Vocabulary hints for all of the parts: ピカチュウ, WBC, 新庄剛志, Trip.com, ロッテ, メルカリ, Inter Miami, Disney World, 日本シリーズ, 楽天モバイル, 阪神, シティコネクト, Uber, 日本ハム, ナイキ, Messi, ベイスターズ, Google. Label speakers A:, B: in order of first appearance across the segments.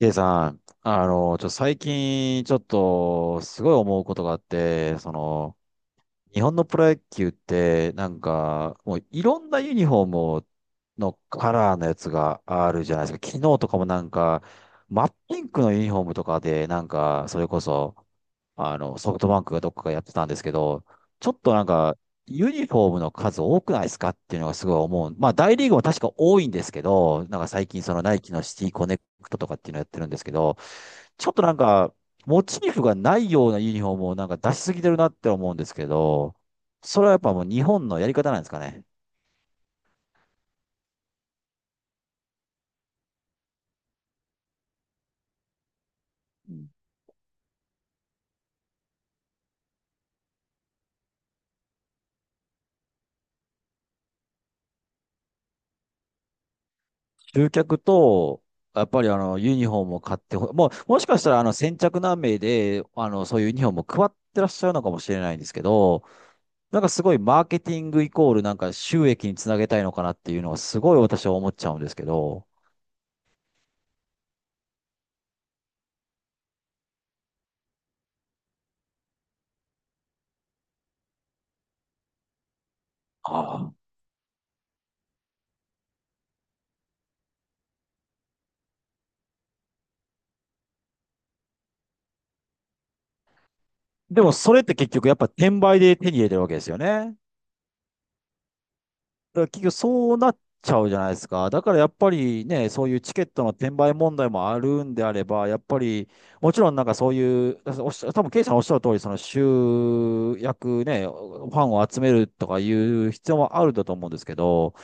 A: K さん、最近、ちょっと、すごい思うことがあって、日本のプロ野球って、もういろんなユニフォームのカラーのやつがあるじゃないですか。昨日とかもなんか、真っピンクのユニフォームとかで、それこそ、ソフトバンクがどっかがやってたんですけど、ちょっとなんか、ユニフォームの数多くないですかっていうのがすごい思う。まあ、大リーグも確か多いんですけど、なんか最近そのナイキのシティコネクトとかっていうのやってるんですけど、ちょっとなんか、モチーフがないようなユニフォームをなんか出しすぎてるなって思うんですけど、それはやっぱもう日本のやり方なんですかね。集客と、やっぱりユニフォームを買ってほ、もう、もしかしたら先着何名で、そういうユニフォームを配ってらっしゃるのかもしれないんですけど、なんかすごいマーケティングイコールなんか収益につなげたいのかなっていうのはすごい私は思っちゃうんですけど。ああ。でもそれって結局やっぱ転売で手に入れてるわけですよね。だから結局そうなっちゃうじゃないですか。だからやっぱりね、そういうチケットの転売問題もあるんであれば、やっぱりもちろんなんかそういう、おっしゃ、多分ケイさんおっしゃる通り、その集約ね、ファンを集めるとかいう必要もあるんだと思うんですけど、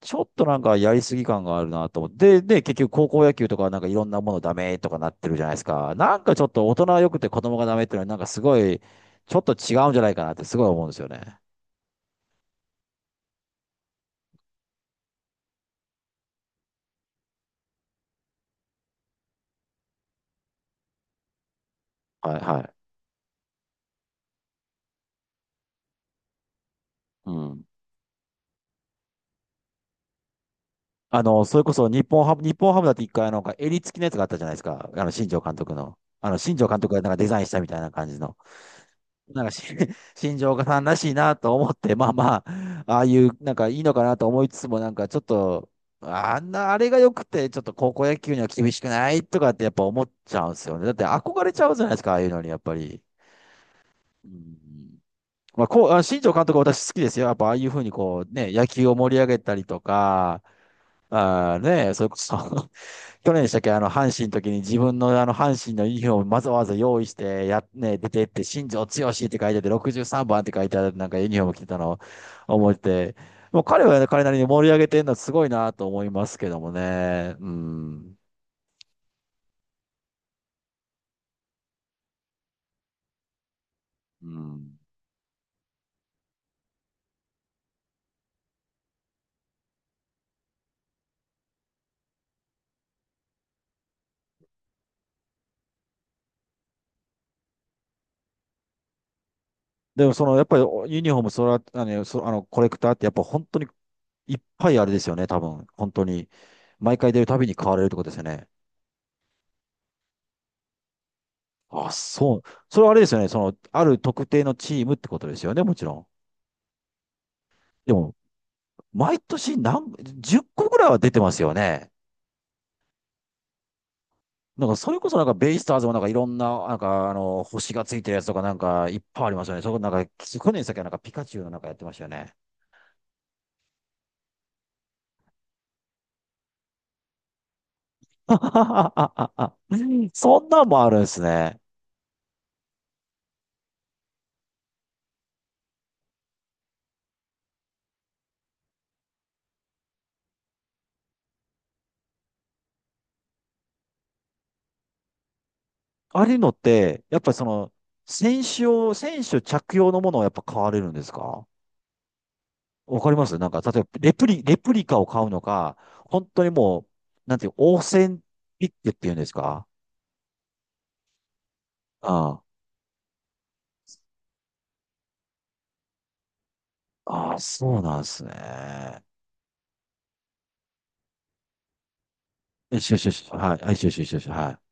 A: ちょっとなんかやりすぎ感があるなと思って。で、結局高校野球とかなんかいろんなものダメとかなってるじゃないですか。なんかちょっと大人は良くて子供がダメっていうのはなんかすごい、ちょっと違うんじゃないかなってすごい思うんですよね。はいはい。うん。それこそ日本ハムだって一回なんか襟付きのやつがあったじゃないですか。新庄監督の。新庄監督がなんかデザインしたみたいな感じの。なんかし、新庄岡さんらしいなと思って、まあ、ああいう、なんかいいのかなと思いつつも、なんかちょっと、あんな、あれが良くて、ちょっと高校野球には厳しくないとかってやっぱ思っちゃうんですよね。だって憧れちゃうじゃないですか、ああいうのに、やっぱり。うん。まあ、こう、あ、新庄監督は私好きですよ。やっぱああいうふうにこう、ね、野球を盛り上げたりとか、あーね、それこそ 去年でしたっけ、阪神の時に自分の阪神のユニフォームわざわざ用意して、や、ね、出てって、新庄剛志って書いてあって、63番って書いてある、なんかユニフォーム着てたのを思って、もう彼はね彼なりに盛り上げてるのはすごいなと思いますけどもね。うん。うん。でもその、やっぱりユニフォーム、それは、あの、そ、あの、コレクターってやっぱ本当にいっぱいあれですよね、多分。本当に。毎回出るたびに買われるってことですよね。あ、そう。それはあれですよね。その、ある特定のチームってことですよね、もちろん。でも、毎年何、10個ぐらいは出てますよね。なんか、それこそなんか、ベイスターズもなんかいろんな、なんか、星がついてるやつとかなんか、いっぱいありますよね。そこなんか、去年先はなんかピカチュウのなんかやってましたよね。そんなんもあるんですね。あれのって、やっぱりその、選手着用のものをやっぱ買われるんですか。わかりますなんか、例えば、レプリカを買うのか、本当にもう、なんていう、オーセンティックっていうんですか。うん。ああ、そうなんですね。よしよしよし。はい。はいしよしよしよし。はい。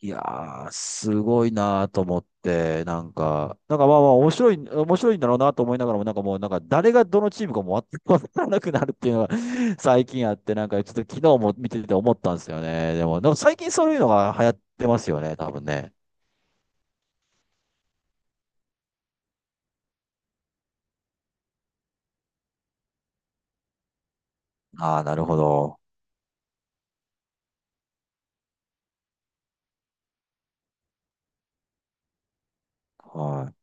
A: いやー、すごいなーと思って、なんか、なんかまあまあ面白い、面白いんだろうなと思いながらも、なんかもう、なんか誰がどのチームかも全 わからなくなるっていうのが 最近あって、なんかちょっと昨日も見てて思ったんですよね。でも最近そういうのが流行ってますよね、多分ね。ああ、なるほど。はい。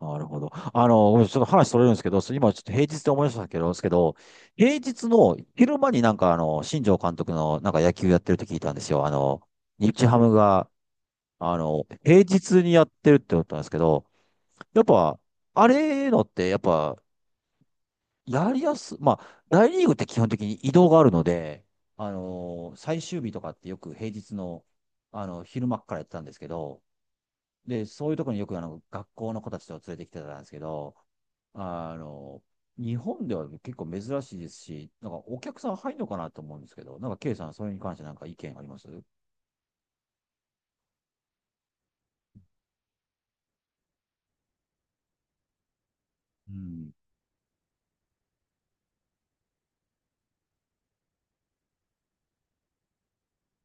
A: なるほど。ごめんなさいちょっと話それるんですけど、今ちょっと平日で思い出したけど、ですけど、平日の昼間になんか新庄監督のなんか野球やってるって聞いたんですよ。日ハムが、平日にやってるって思ったんですけど、やっぱ、あれのって、やっぱ、やりやす、まあ、大リーグって基本的に移動があるので、最終日とかってよく平日の、昼間っからやってたんですけど、で、そういうところによくあの学校の子たちと連れてきてたんですけど、あの、日本では結構珍しいですし、なんかお客さん入るのかなと思うんですけど、なんか K さん、それに関してなんか意見ありますうん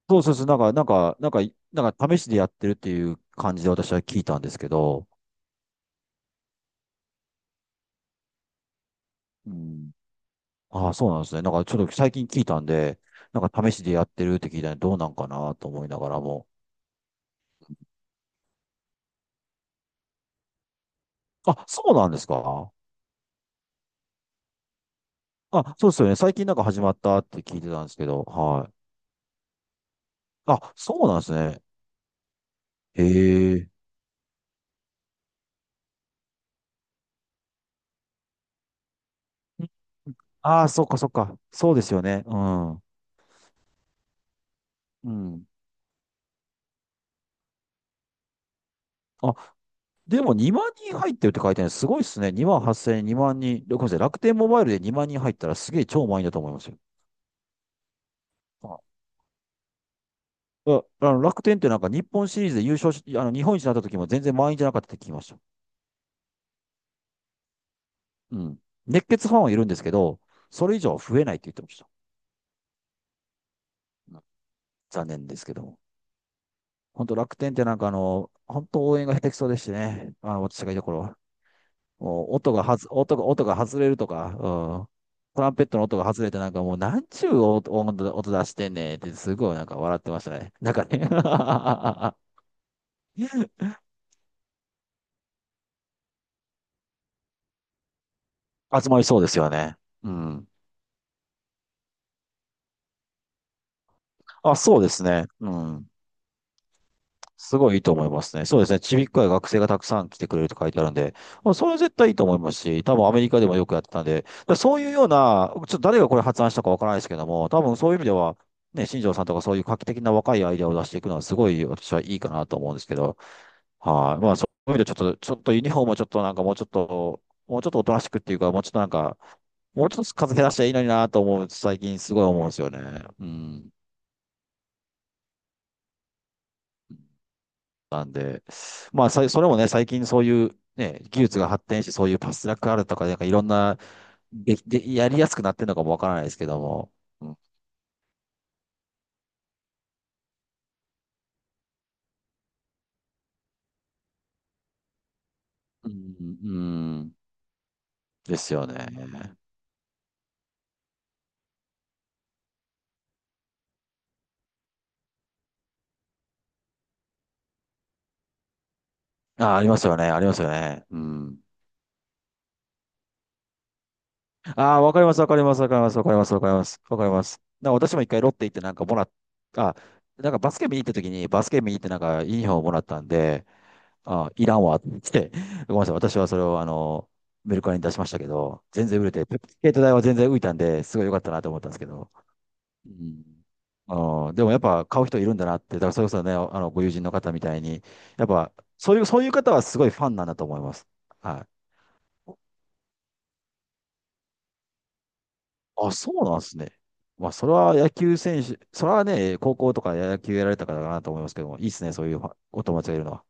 A: そうそうそう、なんか、なんか、なんか、なんか試しでやってるっていう感じで私は聞いたんですけど、うんああ、そうなんですね。なんかちょっと最近聞いたんで、なんか試しでやってるって聞いたんで、どうなんかなと思いながらも。あ、そうなんですかあ、そうですよね。最近なんか始まったって聞いてたんですけど、はい。あ、そうなんですね。へえ。ああー、そっか。そうですよね。うん。うん。あ、でも2万人入ってるって書いてあるのすごいっすね。2万8000、2万人。ごめんなさい。楽天モバイルで2万人入ったらすげえ超満員だと思いますよ。あ、あの楽天ってなんか日本シリーズで優勝し、あの日本一になった時も全然満員じゃなかったって聞きました。うん。熱血ファンはいるんですけど、それ以上は増えないって言ってました。うん残念ですけども。本当楽天ってなんか本当応援が下手くそでしてね。私がいた頃は。音がはず、音が、音が外れるとか、うん。トランペットの音が外れてなんかもうなんちゅう音音出してんねんってすごいなんか笑ってましたね。なんかね 集まりそうですよね。うん。あ、そうですね。うん。すごいいいと思いますね。そうですね。ちびっこや学生がたくさん来てくれると書いてあるんで、もうそれは絶対いいと思いますし、多分アメリカでもよくやってたんで、だからそういうような、ちょっと誰がこれ発案したかわからないですけども、多分そういう意味では、ね、新庄さんとかそういう画期的な若いアイデアを出していくのはすごい私はいいかなと思うんですけど、はい。まあそういう意味でちょっと、ちょっとユニフォームをちょっとなんかもうちょっと、もうちょっとおとなしくっていうか、もうちょっとなんか、もうちょっと数減らしたらいいのになと思う、最近すごい思うんですよね。うん。まあ、それもね、最近そういう、ね、技術が発展して、そういうパスラックあるとか、なんかいろんな、で、やりやすくなってるのかもわからないですけども。うん、うん、うんですよね。あ、ありますよね、ありますよね。うん。ああ、わかります、わかります、わかります、わかります、わかります、わかります。なんか私も一回ロッテ行ってなんかもらっ、あ、なんかバスケ見に行った時に、バスケ見に行ってなんかユニフォームもらったんで、あ、いらんわって、ごめんなさい。私はそれを、メルカリに出しましたけど、全然売れて、ペスケート代は全然浮いたんで、すごい良かったなと思ったんですけど。うん。あーでもやっぱ買う人いるんだなって、だからそれこそね、ご友人の方みたいに、やっぱ、そういう方はすごいファンなんだと思います。はい。あ、そうなんですね。まあ、それはね、高校とか野球やられた方だなと思いますけども、いいですね、そういうファンお友達がいるのは。